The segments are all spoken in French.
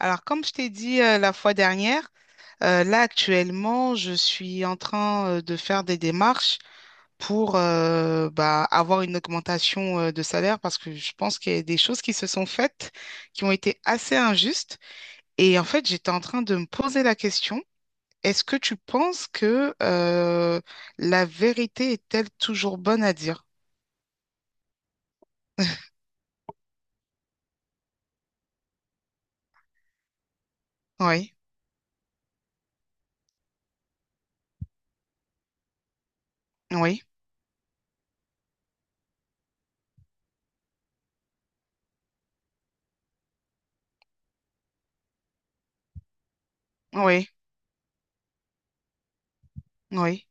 Alors, comme je t'ai dit la fois dernière, là actuellement, je suis en train de faire des démarches pour bah, avoir une augmentation de salaire parce que je pense qu'il y a des choses qui se sont faites qui ont été assez injustes. Et en fait, j'étais en train de me poser la question, est-ce que tu penses que la vérité est-elle toujours bonne à dire? Oui, oui, oui, oui,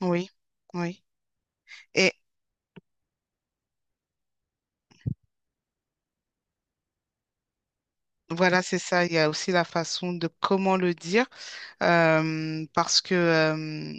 oui, oui. Et voilà, c'est ça. Il y a aussi la façon de comment le dire, parce que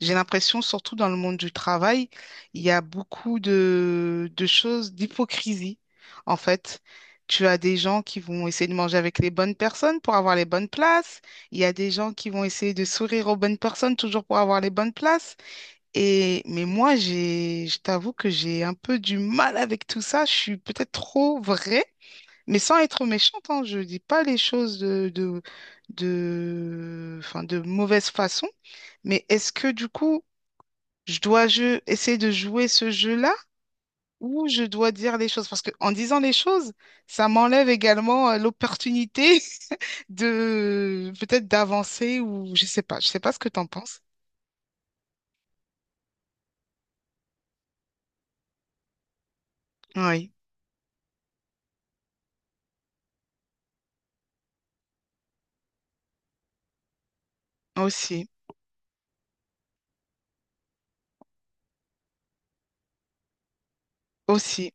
j'ai l'impression, surtout dans le monde du travail, il y a beaucoup de choses d'hypocrisie, en fait. Tu as des gens qui vont essayer de manger avec les bonnes personnes pour avoir les bonnes places. Il y a des gens qui vont essayer de sourire aux bonnes personnes toujours pour avoir les bonnes places. Et mais moi, je t'avoue que j'ai un peu du mal avec tout ça. Je suis peut-être trop vraie. Mais sans être méchante, hein, je dis pas les choses enfin, de mauvaise façon. Mais est-ce que du coup, je dois essayer de jouer ce jeu-là ou je dois dire les choses? Parce que en disant les choses, ça m'enlève également l'opportunité de peut-être d'avancer ou je sais pas. Je sais pas ce que t'en penses. Oui, aussi, aussi.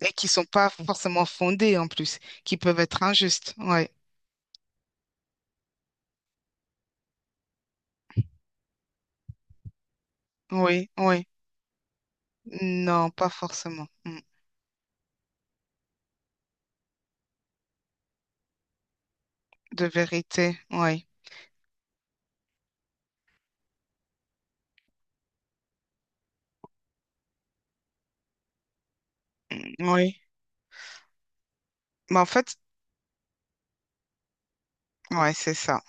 Et qui sont pas forcément fondées en plus, qui peuvent être injustes. Ouais, oui, oui. Non, pas forcément. Hmm. De vérité, oui. Mm, oui. Mais en fait, ouais, c'est ça.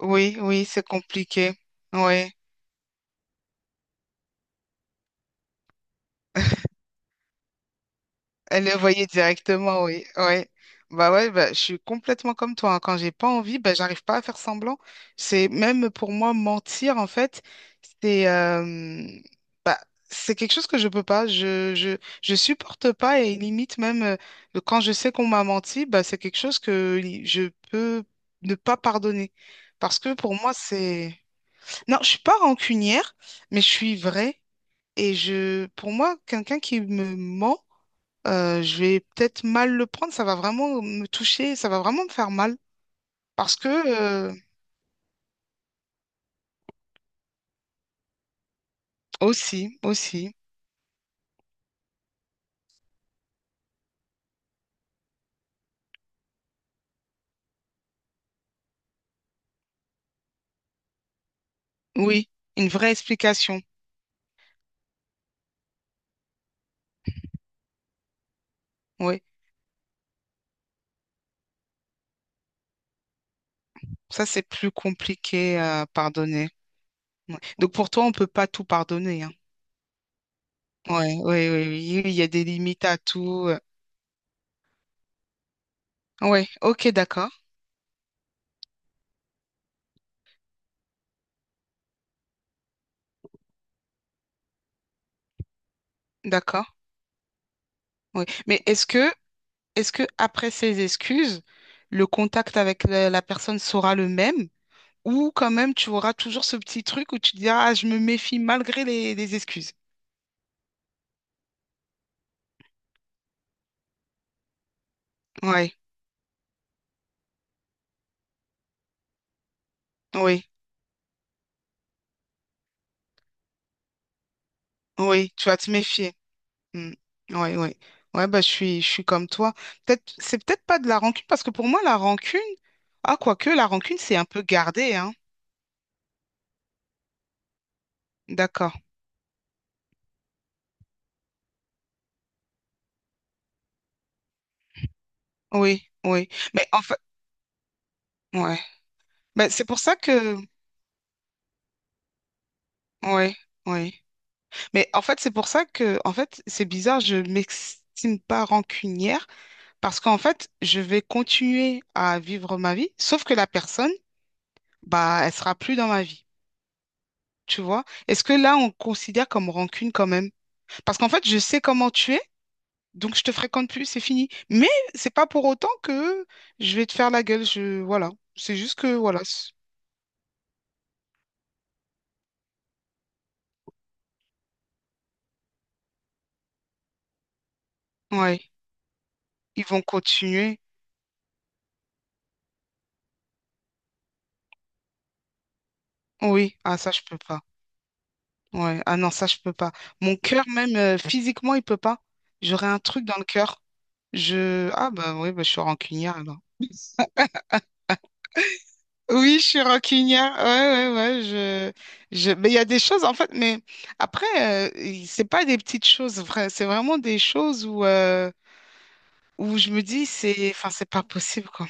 Oui, oui, c'est compliqué. Oui. Elle le voyait directement, oui. Ouais. Bah ouais, bah, je suis complètement comme toi, hein. Quand j'ai pas envie, bah, j'arrive pas à faire semblant. C'est même pour moi mentir, en fait, c'est euh, bah, c'est quelque chose que je peux pas. Je supporte pas et limite même quand je sais qu'on m'a menti, bah, c'est quelque chose que je peux ne pas pardonner. Parce que pour moi, c'est. Non, je suis pas rancunière, mais je suis vraie. Et pour moi, quelqu'un qui me ment, je vais peut-être mal le prendre. Ça va vraiment me toucher, ça va vraiment me faire mal. Parce que, aussi, aussi, oui, une vraie explication. Oui, ça, c'est plus compliqué à pardonner. Ouais. Donc, pour toi, on peut pas tout pardonner, hein. Ouais, oui, oui, oui, il y a des limites à tout. Ouais, ok, d'accord, d'accord. Oui. Mais est-ce que après ces excuses, le contact avec la personne sera le même ou quand même tu auras toujours ce petit truc où tu te diras ah, je me méfie malgré les excuses. Ouais, oui, oui, tu vas te méfier. Oui, ouais, ouais. Ouais, bah je suis comme toi. Peut-être c'est peut-être pas de la rancune parce que pour moi la rancune ah quoique la rancune c'est un peu gardé hein. D'accord. Oui, oui. Mais en fait ouais. Bah, c'est pour ça que ouais, ouais. Mais en fait, c'est pour ça que, en fait, c'est bizarre, je m'estime pas rancunière parce qu'en fait, je vais continuer à vivre ma vie, sauf que la personne, bah, elle sera plus dans ma vie. Tu vois? Est-ce que là, on considère comme rancune quand même? Parce qu'en fait, je sais comment tu es, donc je te fréquente plus, c'est fini. Mais c'est pas pour autant que je vais te faire la gueule. Voilà. C'est juste que, voilà. Ouais. Ils vont continuer. Oui. Ah, ça, je peux pas. Ouais, ah non, ça, je peux pas. Mon cœur, même physiquement, il peut pas. J'aurais un truc dans le cœur. Ah bah oui, bah, je suis rancunière alors. Oui, je suis rancunière. Ouais, ouais, ouais. Mais il y a des choses, en fait, mais après, c'est pas des petites choses, vrai. C'est vraiment des choses où je me dis, c'est... Enfin, c'est pas possible, quoi.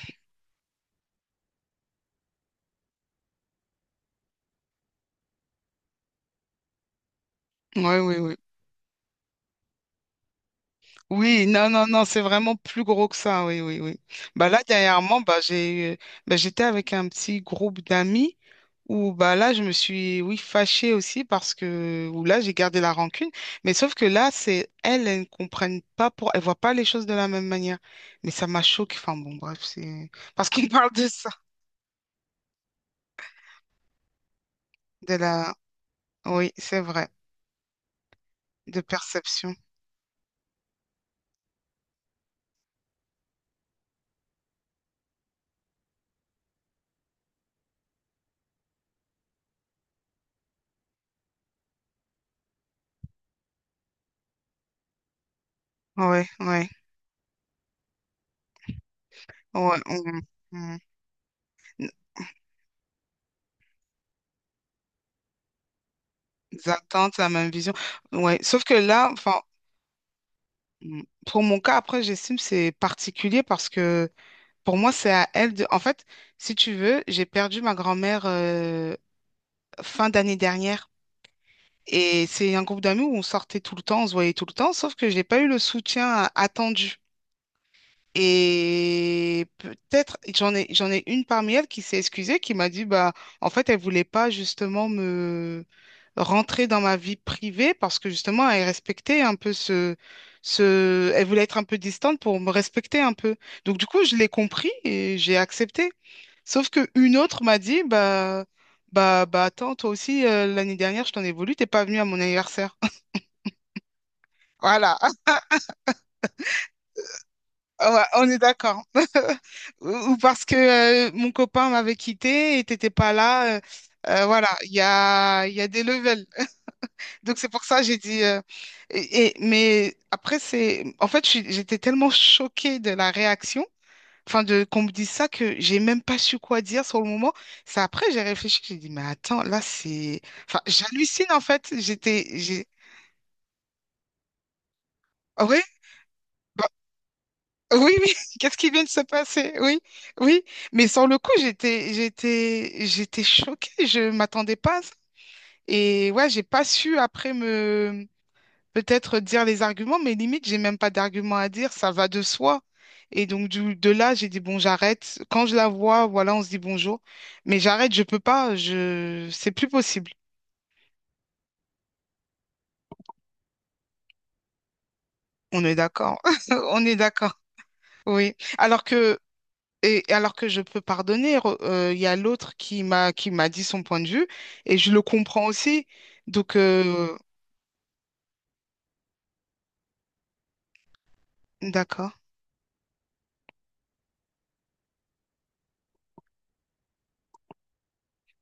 Ouais oui, oui. Oui, non, non, non, c'est vraiment plus gros que ça, oui, oui, oui. Bah là, dernièrement, bah, j'étais avec un petit groupe d'amis. Ou bah là, je me suis, oui, fâchée aussi parce que, ou là, j'ai gardé la rancune. Mais sauf que là, c'est elles, elles ne comprennent pas pour, elles voient pas les choses de la même manière. Mais ça m'a choquée. Enfin bon, bref, c'est parce qu'on parle de ça, de la, oui, c'est vrai, de perception. Ouais, ouais, ouais. Des attentes, la même vision. Ouais, sauf que là, enfin, pour mon cas, après, j'estime que c'est particulier parce que pour moi, c'est à elle de. En fait, si tu veux, j'ai perdu ma grand-mère fin d'année dernière. Et c'est un groupe d'amis où on sortait tout le temps, on se voyait tout le temps, sauf que j'ai pas eu le soutien attendu. Et peut-être j'en ai une parmi elles qui s'est excusée, qui m'a dit bah en fait elle voulait pas justement me rentrer dans ma vie privée parce que justement elle respectait un peu ce elle voulait être un peu distante pour me respecter un peu. Donc du coup je l'ai compris et j'ai accepté. Sauf que une autre m'a dit, bah, attends, toi aussi, l'année dernière, je t'en ai voulu, t'es pas venu à mon anniversaire. Voilà. Ouais, on est d'accord. Ou parce que mon copain m'avait quitté et t'étais pas là, voilà, il y a des levels. Donc c'est pour ça j'ai dit. Mais après, c'est. En fait, j'étais tellement choquée de la réaction enfin de qu'on me dise ça que j'ai même pas su quoi dire sur le moment. C'est après j'ai réfléchi, j'ai dit mais attends, là c'est enfin j'hallucine en fait, j'étais j'ai Ah oui, bah, oui oui, qu'est-ce qui vient de se passer? Oui. Oui, mais sur le coup, j'étais choquée, je m'attendais pas à ça. Et ouais, j'ai pas su après me peut-être dire les arguments, mais limite, j'ai même pas d'arguments à dire, ça va de soi. Et donc, de là, j'ai dit, bon, j'arrête. Quand je la vois, voilà, on se dit bonjour. Mais j'arrête, je peux pas, c'est plus possible. On est d'accord. On est d'accord. Oui. Alors que, alors que je peux pardonner, il y a l'autre qui m'a dit son point de vue et je le comprends aussi. Donc, d'accord.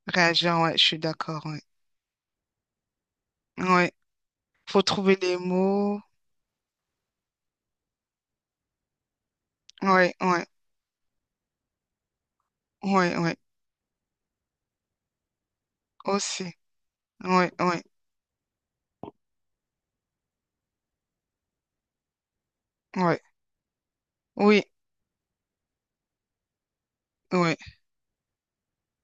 Réagir, ouais, je suis d'accord, ouais. Ouais. Faut trouver les mots. Ouais, ouais, ouais, ouais. Aussi. Ouais, ouais, ouais. Oui, ouais.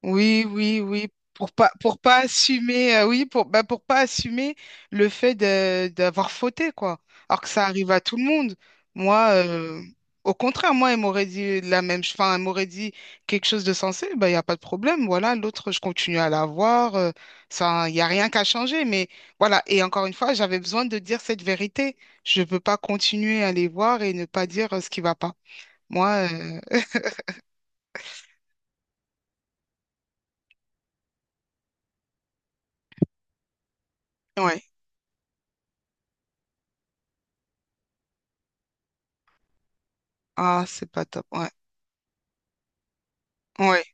Oui, oui, oui. Pour pas assumer, oui, pour, bah, pour pas assumer le fait d'avoir fauté, quoi. Alors que ça arrive à tout le monde. Moi, au contraire, moi, elle m'aurait dit la même, enfin, elle m'aurait dit quelque chose de sensé, bah, il n'y a pas de problème. Voilà, l'autre, je continue à la voir. Ça, il n'y a rien qu'à changer. Mais voilà. Et encore une fois, j'avais besoin de dire cette vérité. Je ne peux pas continuer à les voir et ne pas dire ce qui va pas. Moi, ouais. Ah, c'est pas top. Ouais. Ouais.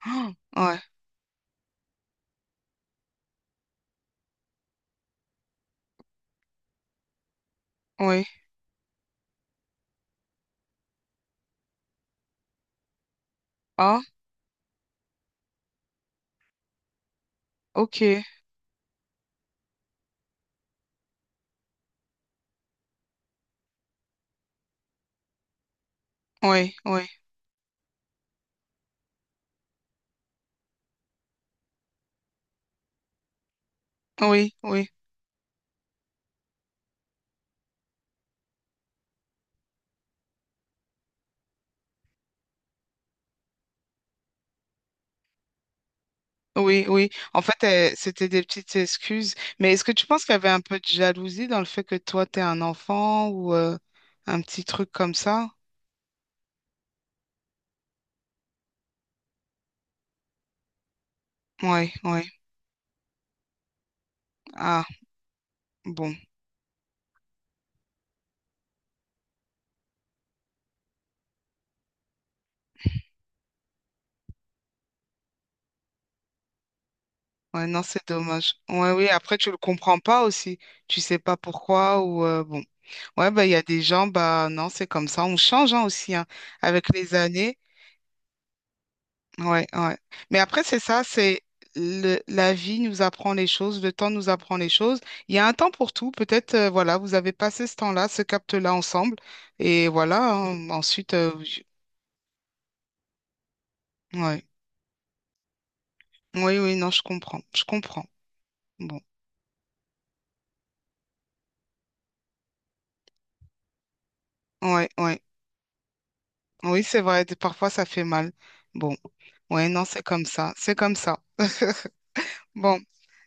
Ah, ouais. Oui. Ah, ok. Oui, oui. Oui, oui. Oui, oui. En fait, c'était des petites excuses. Mais est-ce que tu penses qu'il y avait un peu de jalousie dans le fait que toi, t'es un enfant ou un petit truc comme ça? Oui, oui. Ah, bon. Ouais, non, c'est dommage. Ouais, oui. Après, tu le comprends pas aussi. Tu sais pas pourquoi ou bon. Ouais, bah, il y a des gens, bah, non, c'est comme ça. On change hein, aussi hein, avec les années. Ouais, ouais. Mais après, c'est ça, c'est la vie nous apprend les choses, le temps nous apprend les choses. Il y a un temps pour tout. Peut-être, voilà, vous avez passé ce temps-là, ce capte-là ensemble. Et voilà, hein, ensuite, ouais. Oui, oui, non, je comprends. Je comprends. Bon. Ouais, ouais. Oui, c'est vrai. Parfois, ça fait mal. Bon. Ouais, non, c'est comme ça. C'est comme ça. Bon.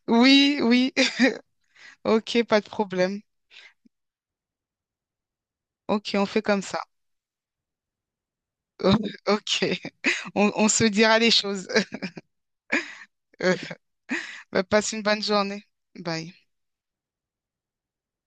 Oui, oui. OK, pas de problème. OK, on fait comme ça. OK. On se dira les choses. Bah, passe une bonne journée. Bye.